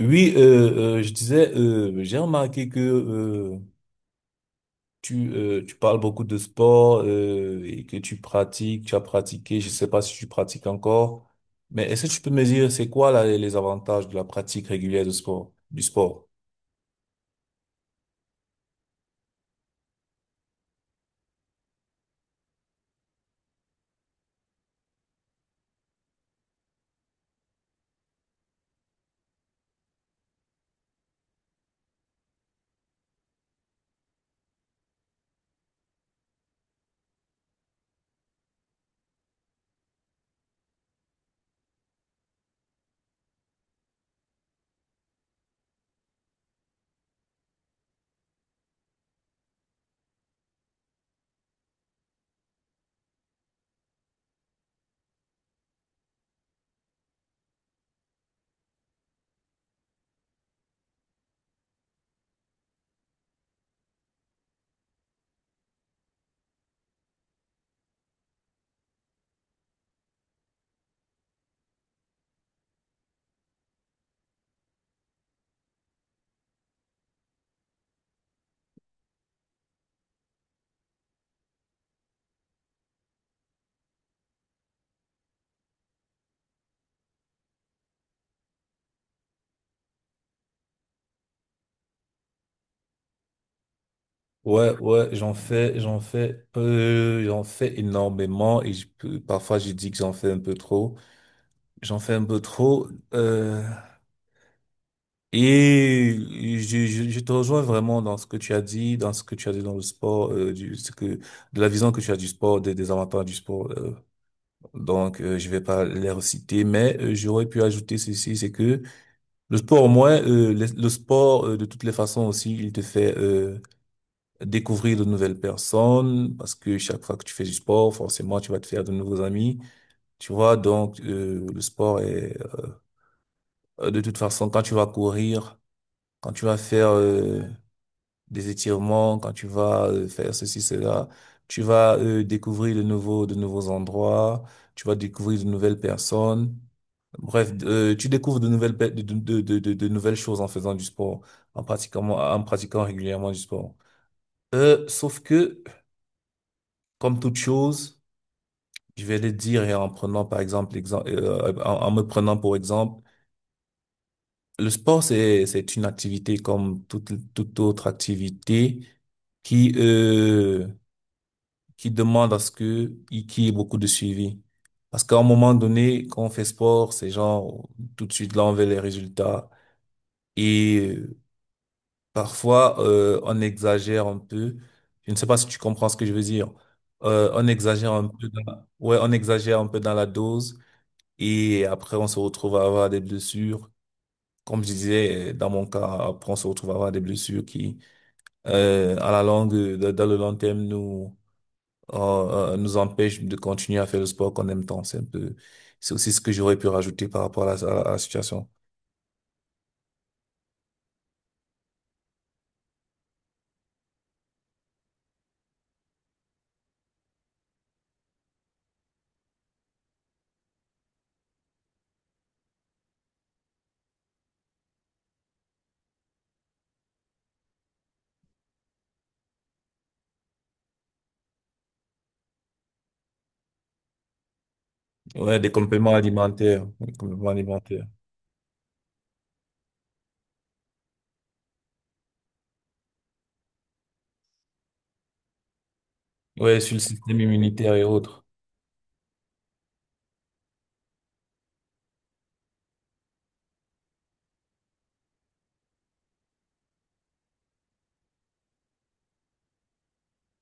Oui, je disais, j'ai remarqué que tu parles beaucoup de sport et que tu as pratiqué, je sais pas si tu pratiques encore, mais est-ce que tu peux me dire, c'est quoi là, les avantages de la pratique régulière de sport, du sport? Ouais, ouais, j'en fais énormément et parfois je dis que j'en fais un peu trop. J'en fais un peu trop. euh, Et je te rejoins vraiment dans ce que tu as dit dans le sport, de la vision que tu as du sport, des avantages du sport. Donc, je vais pas les reciter, mais j'aurais pu ajouter ceci, c'est que le sport, au moins, le sport, de toutes les façons aussi, il te fait découvrir de nouvelles personnes, parce que chaque fois que tu fais du sport, forcément, tu vas te faire de nouveaux amis. Tu vois, donc, le sport est, de toute façon, quand tu vas courir, quand tu vas faire des étirements, quand tu vas faire ceci, cela, tu vas découvrir de de nouveaux endroits, tu vas découvrir de nouvelles personnes. Bref, tu découvres de nouvelles, pe- de nouvelles choses en faisant du sport, en pratiquant régulièrement du sport. Sauf que, comme toute chose, je vais le dire et en prenant par exemple l'exemple, en me prenant pour exemple, le sport c'est une activité comme toute autre activité qui euh, qui demande à ce qu'il y ait beaucoup de suivi. Parce qu'à un moment donné, quand on fait sport, c'est genre tout de suite là on veut les résultats et parfois on exagère un peu. Je ne sais pas si tu comprends ce que je veux dire. On exagère un peu dans ouais, on exagère un peu dans la dose et après on se retrouve à avoir des blessures. Comme je disais, dans mon cas, après on se retrouve à avoir des blessures qui, à la longue, dans le long terme, nous empêche de continuer à faire le sport qu'on aime tant. C'est aussi ce que j'aurais pu rajouter par rapport à la, à la à la situation. Ouais, des compléments alimentaires, des compléments alimentaires. Ouais, sur le système immunitaire et autres.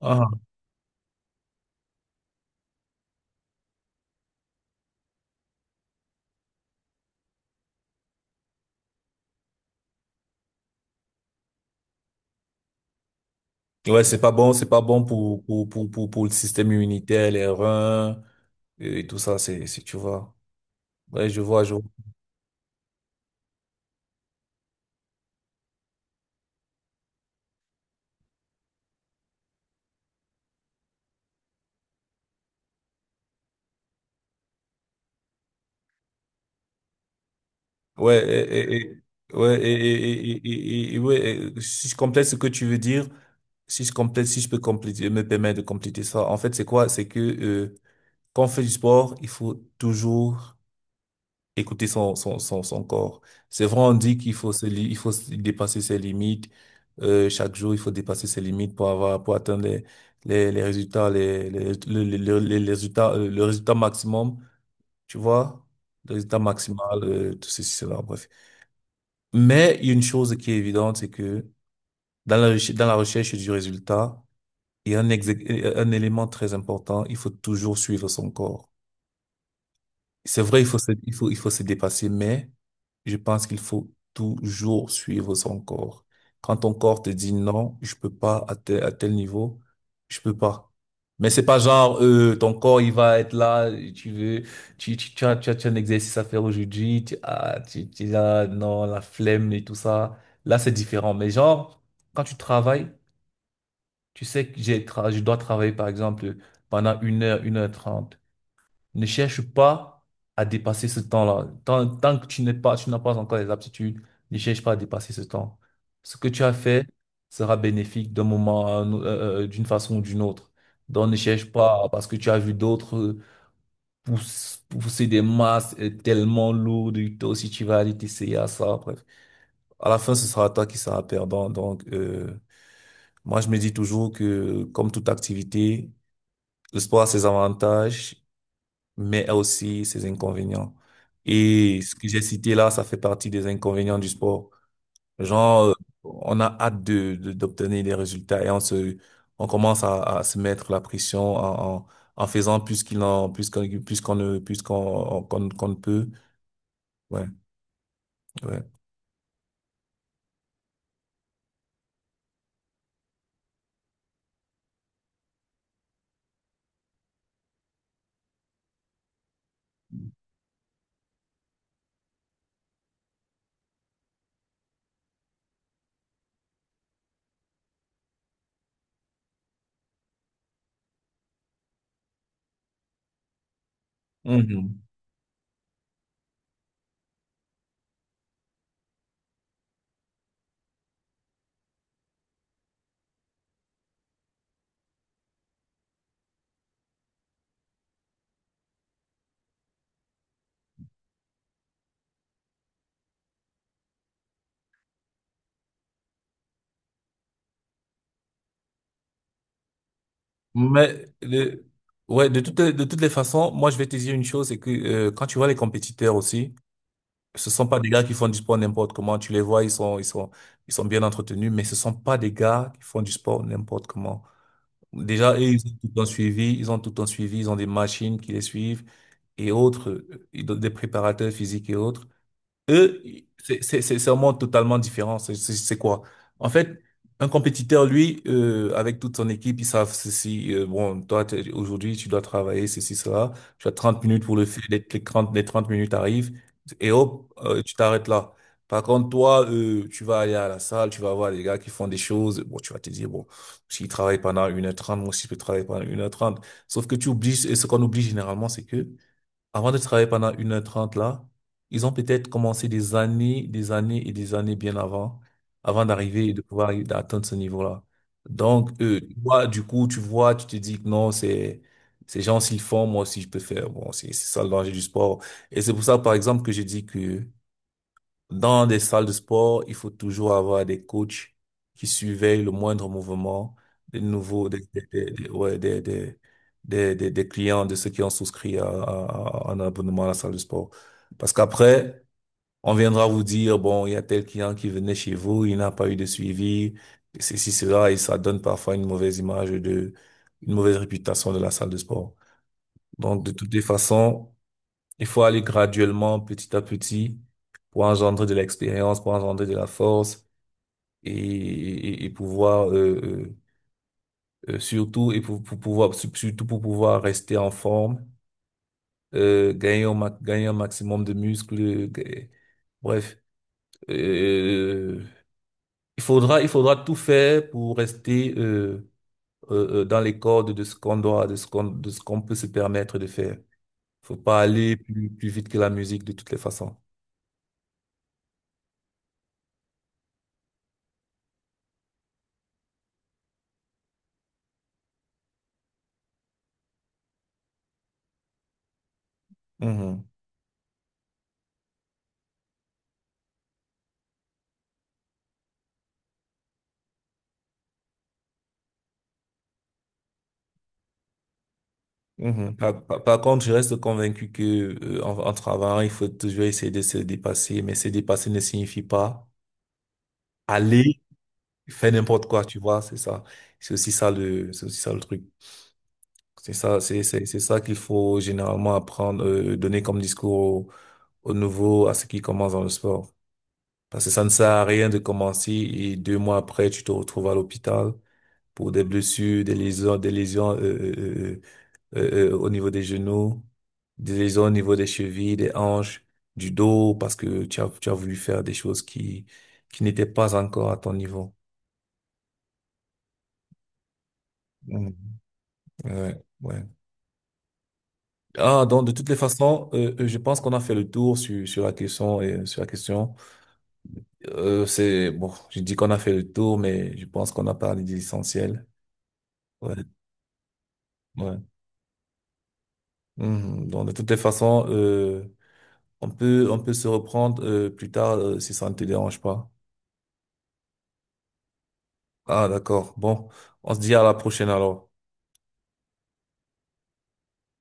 Ah. Ouais, c'est pas bon pour le système immunitaire, les reins et tout ça, c'est, tu vois. Ouais, je vois, je vois. Ouais, et- ouais, et- Ouais, et si je complète ce que tu veux dire, si je peux compléter, me permettre de compléter ça, en fait, c'est quoi? C'est que quand on fait du sport, il faut toujours écouter son corps. C'est vrai, on dit qu'il faut se, li- il faut se dépasser ses limites. Chaque jour, il faut dépasser ses limites pour avoir, pour atteindre les résultats, les, le- les résultats, le résultat maximum, tu vois? Le résultat maximal, tout ceci, cela, bref. Mais il y a une chose qui est évidente, c'est que dans la recherche du résultat, il y a un élément très important, il faut toujours suivre son corps. C'est vrai, il faut se dépasser, mais je pense qu'il faut toujours suivre son corps. Quand ton corps te dit non, je peux pas à tel, à tel niveau, je peux pas. Mais c'est pas genre, ton corps, il va être là, tu veux, tu as, tu as, tu as un exercice à faire aujourd'hui, tu es là, non, la flemme et tout ça. Là, c'est différent. Mais genre, quand tu travailles, tu sais je dois travailler, par exemple, pendant une heure trente. Ne cherche pas à dépasser ce temps-là. Tant que tu n'as pas encore les aptitudes, ne cherche pas à dépasser ce temps. Ce que tu as fait sera bénéfique d'un moment, d'une façon ou d'une autre. Donc ne cherche pas parce que tu as vu d'autres pousser des masses tellement lourdes, et toi aussi tu vas aller t'essayer à ça. Bref, à la fin, ce sera toi qui seras perdant. Donc, moi, je me dis toujours que, comme toute activité, le sport a ses avantages mais a aussi ses inconvénients. Et ce que j'ai cité là, ça fait partie des inconvénients du sport. Genre, on a hâte d'obtenir des résultats et on commence à se mettre la pression en faisant plus qu'il en, plus qu'on ne, plus qu'on, qu'on, qu'on ne peut. Ouais, ouais. Mhm. Mais le- ouais, de de toutes les façons, moi je vais te dire une chose, c'est que quand tu vois les compétiteurs aussi, ce sont pas des gars qui font du sport n'importe comment. Tu les vois, ils sont bien entretenus, mais ce sont pas des gars qui font du sport n'importe comment. Déjà, eux, ils ont tout le temps suivi, ils ont des machines qui les suivent et autres, ils ont des préparateurs physiques et autres. Eux, c'est un monde totalement différent. C'est quoi? En fait, un compétiteur, lui, avec toute son équipe, ils savent ceci. Bon, toi, aujourd'hui, tu dois travailler ceci, cela. Tu as 30 minutes pour le faire. Les 30 minutes arrivent et hop, tu t'arrêtes là. Par contre, toi, tu vas aller à la salle, tu vas voir les gars qui font des choses. Bon, tu vas te dire, bon, s'ils travaillent pendant une heure trente, moi aussi, je peux travailler pendant une heure trente. Sauf que tu oublies, et ce qu'on oublie généralement, c'est que avant de travailler pendant une heure trente là, ils ont peut-être commencé des années et des années bien avant, avant d'arriver et de d'atteindre ce niveau-là. Donc, eux, tu vois, du coup, tu vois, tu te dis que non, c'est, ces gens s'ils font, moi aussi je peux faire. Bon, c'est ça le danger du sport. Et c'est pour ça, par exemple, que j'ai dit que dans des salles de sport, il faut toujours avoir des coachs qui surveillent le moindre mouvement des nouveaux, des- ouais, des clients, de ceux qui ont souscrit à un abonnement à la salle de sport. Parce qu'après, on viendra vous dire, bon, il y a tel client qui venait chez vous, il n'a pas eu de suivi, ceci, cela, et ça donne parfois une mauvaise image de, une mauvaise réputation de la salle de sport. Donc, de toutes les façons, il faut aller graduellement, petit à petit, pour engendrer de l'expérience, pour engendrer de la force et pouvoir surtout et pour pouvoir surtout pour pouvoir rester en forme, gagner un maximum de muscles. Bref, euh, il faudra tout faire pour rester dans les cordes de ce qu'on doit, de ce qu'on peut se permettre de faire. Faut pas aller plus vite que la musique de toutes les façons. Mhm. Mhm. Par contre, je reste convaincu que en travaillant, il faut toujours essayer de se dépasser, mais se dépasser ne signifie pas aller faire n'importe quoi, tu vois, c'est ça. C'est aussi ça le truc. C'est ça qu'il faut généralement apprendre, donner comme discours aux nouveaux, à ceux qui commencent dans le sport. Parce que ça ne sert à rien de commencer et deux mois après, tu te retrouves à l'hôpital pour des blessures, des lésions. Au niveau des genoux, des lésions au niveau des chevilles, des hanches, du dos, parce que tu as voulu faire des choses qui n'étaient pas encore à ton niveau. Mm. Ouais, ouais. Ah, donc de toutes les façons, je pense qu'on a fait le tour sur la question et sur la question. C'est bon, je dis qu'on a fait le tour, mais je pense qu'on a parlé de l'essentiel. Ouais, ouais. Mhm. Donc de toutes les façons, on peut se reprendre plus tard si ça ne te dérange pas. Ah, d'accord. Bon, on se dit à la prochaine alors.